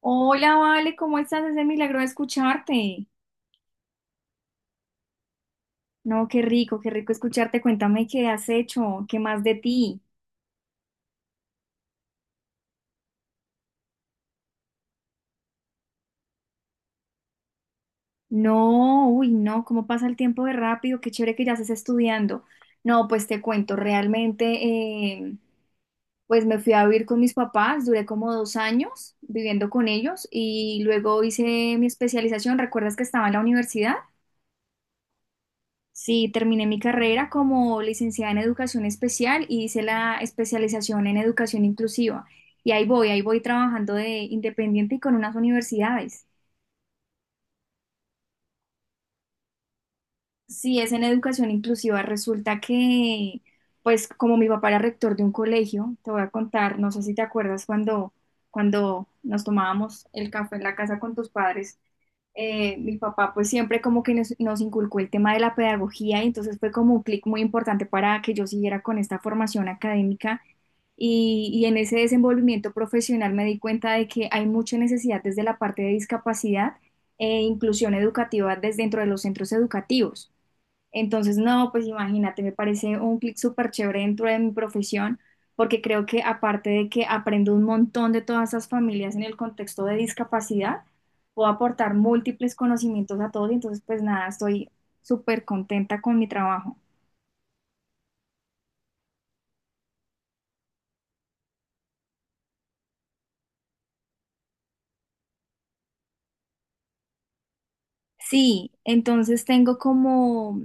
Hola, Vale, ¿cómo estás? Es de milagro escucharte. No, qué rico escucharte. Cuéntame qué has hecho, qué más de ti. No, uy, no, cómo pasa el tiempo de rápido, qué chévere que ya estés estudiando. No, pues te cuento, realmente, eh, pues me fui a vivir con mis papás, duré como 2 años viviendo con ellos y luego hice mi especialización. ¿Recuerdas que estaba en la universidad? Sí, terminé mi carrera como licenciada en educación especial y hice la especialización en educación inclusiva. Y ahí voy trabajando de independiente y con unas universidades. Sí, es en educación inclusiva. Resulta que, pues como mi papá era rector de un colegio, te voy a contar, no sé si te acuerdas cuando, cuando nos tomábamos el café en la casa con tus padres. Mi papá pues siempre como que nos, nos inculcó el tema de la pedagogía y entonces fue como un clic muy importante para que yo siguiera con esta formación académica y en ese desenvolvimiento profesional me di cuenta de que hay mucha necesidad desde la parte de discapacidad e inclusión educativa desde dentro de los centros educativos. Entonces, no, pues imagínate, me parece un clic súper chévere dentro de mi profesión, porque creo que aparte de que aprendo un montón de todas esas familias en el contexto de discapacidad, puedo aportar múltiples conocimientos a todos y entonces, pues nada, estoy súper contenta con mi trabajo. Sí, entonces tengo como,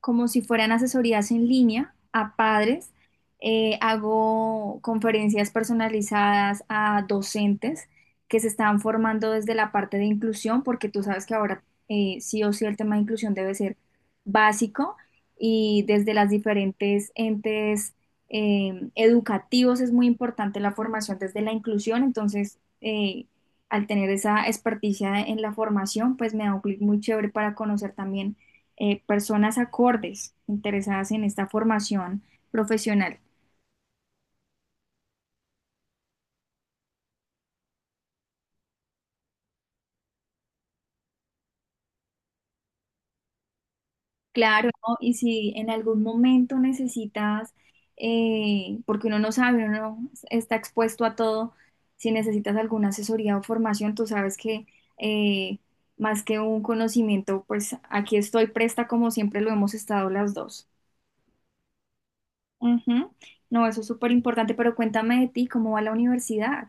como si fueran asesorías en línea a padres, hago conferencias personalizadas a docentes que se están formando desde la parte de inclusión, porque tú sabes que ahora sí o sí el tema de inclusión debe ser básico y desde las diferentes entes educativos es muy importante la formación desde la inclusión, entonces, al tener esa experticia en la formación, pues me da un clic muy chévere para conocer también personas acordes interesadas en esta formación profesional. Claro, ¿no? Y si en algún momento necesitas, porque uno no sabe, uno está expuesto a todo, si necesitas alguna asesoría o formación, tú sabes que eh, más que un conocimiento, pues aquí estoy presta como siempre lo hemos estado las dos. Ujú. No, eso es súper importante, pero cuéntame de ti, ¿cómo va la universidad?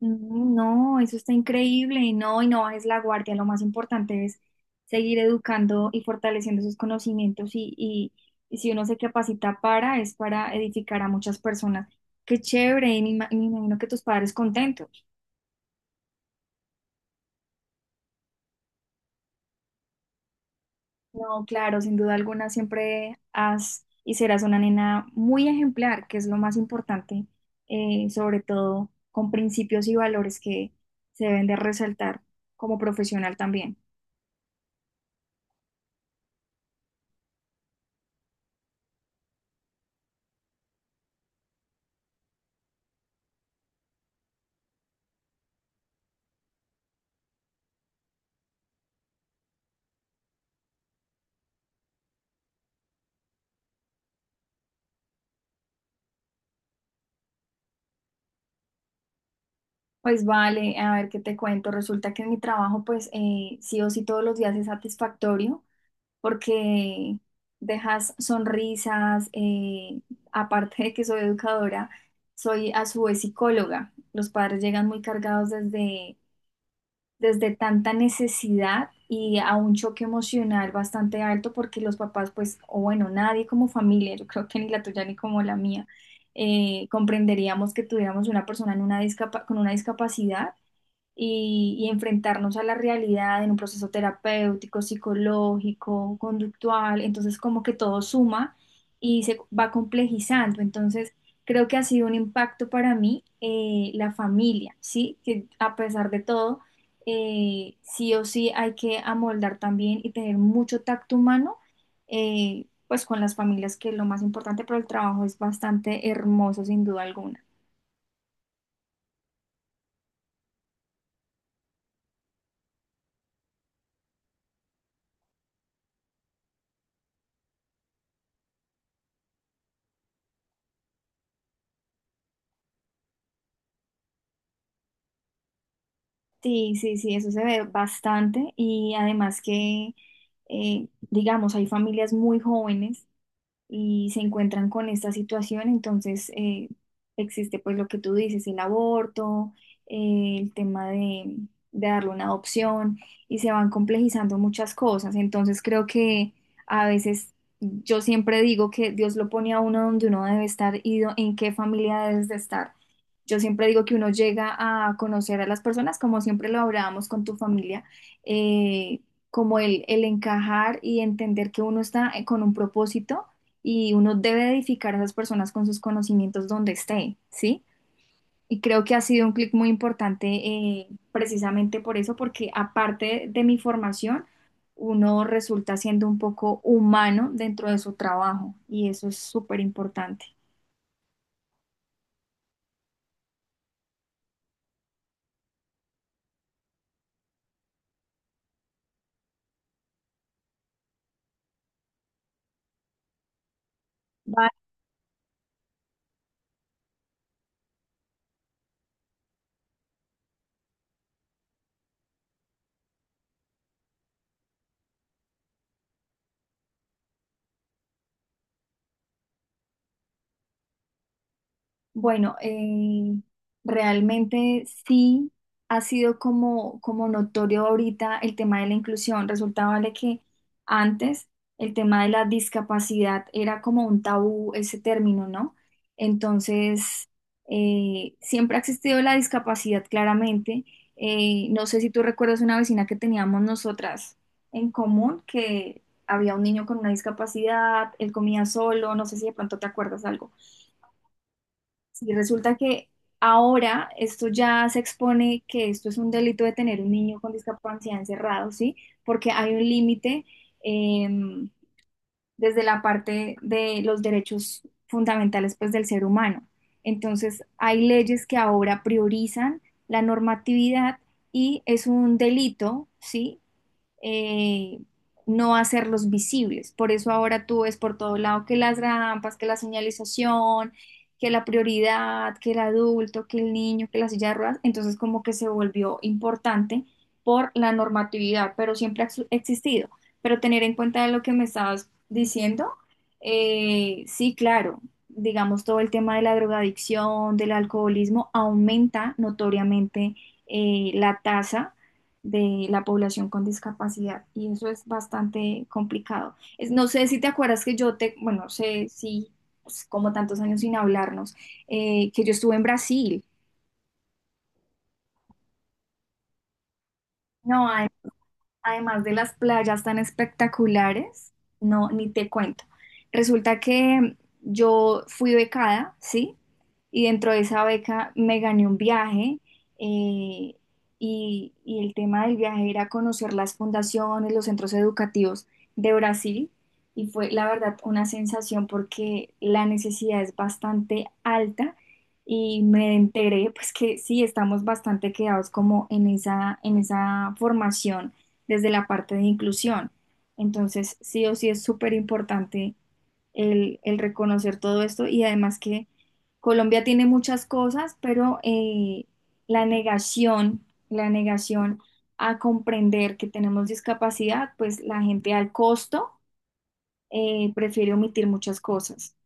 Mm, no, eso está increíble, no, y no bajes la guardia, lo más importante es seguir educando y fortaleciendo sus conocimientos y si uno se capacita para, es para edificar a muchas personas. Qué chévere, y me imagino que tus padres contentos. No, claro, sin duda alguna siempre has y serás una nena muy ejemplar, que es lo más importante, sobre todo con principios y valores que se deben de resaltar como profesional también. Pues vale, a ver qué te cuento. Resulta que en mi trabajo, sí o sí todos los días es satisfactorio porque dejas sonrisas, aparte de que soy educadora, soy a su vez psicóloga. Los padres llegan muy cargados desde tanta necesidad y a un choque emocional bastante alto porque los papás, pues, o bueno, nadie como familia, yo creo que ni la tuya ni como la mía, comprenderíamos que tuviéramos una persona en una con una discapacidad y enfrentarnos a la realidad en un proceso terapéutico, psicológico, conductual, entonces como que todo suma y se va complejizando, entonces creo que ha sido un impacto para mí la familia, ¿sí? Que a pesar de todo, sí o sí hay que amoldar también y tener mucho tacto humano, pues con las familias, que es lo más importante, pero el trabajo es bastante hermoso sin duda alguna. Sí, sí, sí, eso se ve bastante y además que, digamos, hay familias muy jóvenes y se encuentran con esta situación, entonces, existe pues lo que tú dices, el aborto, el tema de darle una adopción y se van complejizando muchas cosas. Entonces creo que a veces yo siempre digo que Dios lo pone a uno donde uno debe estar y en qué familia debes de estar. Yo siempre digo que uno llega a conocer a las personas, como siempre lo hablábamos con tu familia, eh, como el encajar y entender que uno está con un propósito y uno debe edificar a esas personas con sus conocimientos donde esté, ¿sí? Y creo que ha sido un clic muy importante precisamente por eso, porque aparte de mi formación, uno resulta siendo un poco humano dentro de su trabajo y eso es súper importante. Bueno, realmente sí ha sido como, como notorio ahorita el tema de la inclusión. Resulta, vale, que antes el tema de la discapacidad era como un tabú ese término, ¿no? Entonces, siempre ha existido la discapacidad claramente. No sé si tú recuerdas una vecina que teníamos nosotras en común, que había un niño con una discapacidad, él comía solo, no sé si de pronto te acuerdas algo. Sí, resulta que ahora esto ya se expone que esto es un delito de tener un niño con discapacidad encerrado, ¿sí? Porque hay un límite eh, desde la parte de los derechos fundamentales, pues, del ser humano. Entonces, hay leyes que ahora priorizan la normatividad y es un delito, ¿sí? eh, no hacerlos visibles. Por eso ahora tú ves por todo lado que las rampas, que la señalización, que la prioridad, que el adulto, que el niño, que la silla de ruedas, entonces como que se volvió importante por la normatividad, pero siempre ha existido. Pero tener en cuenta lo que me estabas diciendo, sí, claro, digamos todo el tema de la drogadicción, del alcoholismo, aumenta notoriamente la tasa de la población con discapacidad y eso es bastante complicado. Es, no sé si te acuerdas que yo te, bueno, no sé si pues, como tantos años sin hablarnos, que yo estuve en Brasil. No, además de las playas tan espectaculares, no, ni te cuento. Resulta que yo fui becada, ¿sí? Y dentro de esa beca me gané un viaje eh, y el tema del viaje era conocer las fundaciones, los centros educativos de Brasil y fue la verdad una sensación porque la necesidad es bastante alta y me enteré pues que sí, estamos bastante quedados como en esa formación desde la parte de inclusión. Entonces, sí o sí es súper importante el reconocer todo esto y además que Colombia tiene muchas cosas, pero la negación a comprender que tenemos discapacidad, pues la gente al costo prefiere omitir muchas cosas.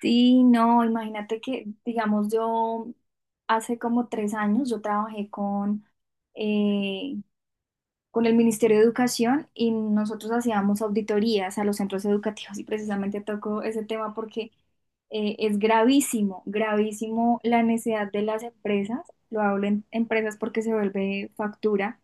Sí, no, imagínate que, digamos, yo hace como 3 años yo trabajé eh, con el Ministerio de Educación y nosotros hacíamos auditorías a los centros educativos y precisamente toco ese tema porque es gravísimo, gravísimo la necesidad de las empresas, lo hablo en empresas porque se vuelve factura,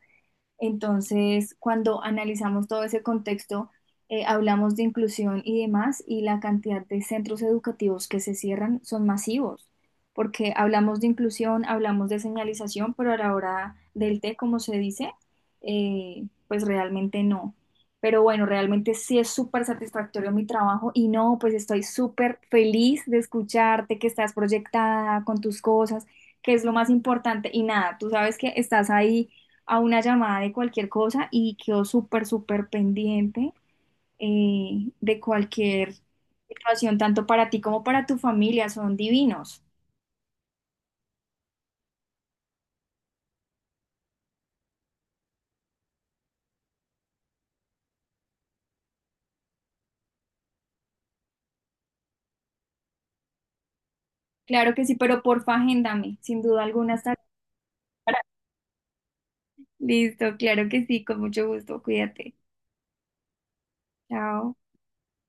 entonces, cuando analizamos todo ese contexto, hablamos de inclusión y demás, y la cantidad de centros educativos que se cierran son masivos, porque hablamos de inclusión, hablamos de señalización, pero a la hora del té, como se dice, pues realmente no. Pero bueno, realmente sí es súper satisfactorio mi trabajo y no, pues estoy súper feliz de escucharte, que estás proyectada con tus cosas, que es lo más importante. Y nada, tú sabes que estás ahí a una llamada de cualquier cosa y quedo súper, súper pendiente de cualquier situación, tanto para ti como para tu familia, son divinos. Claro que sí, pero porfa, agéndame, sin duda alguna estaré para- Listo, claro que sí, con mucho gusto, cuídate. Chao.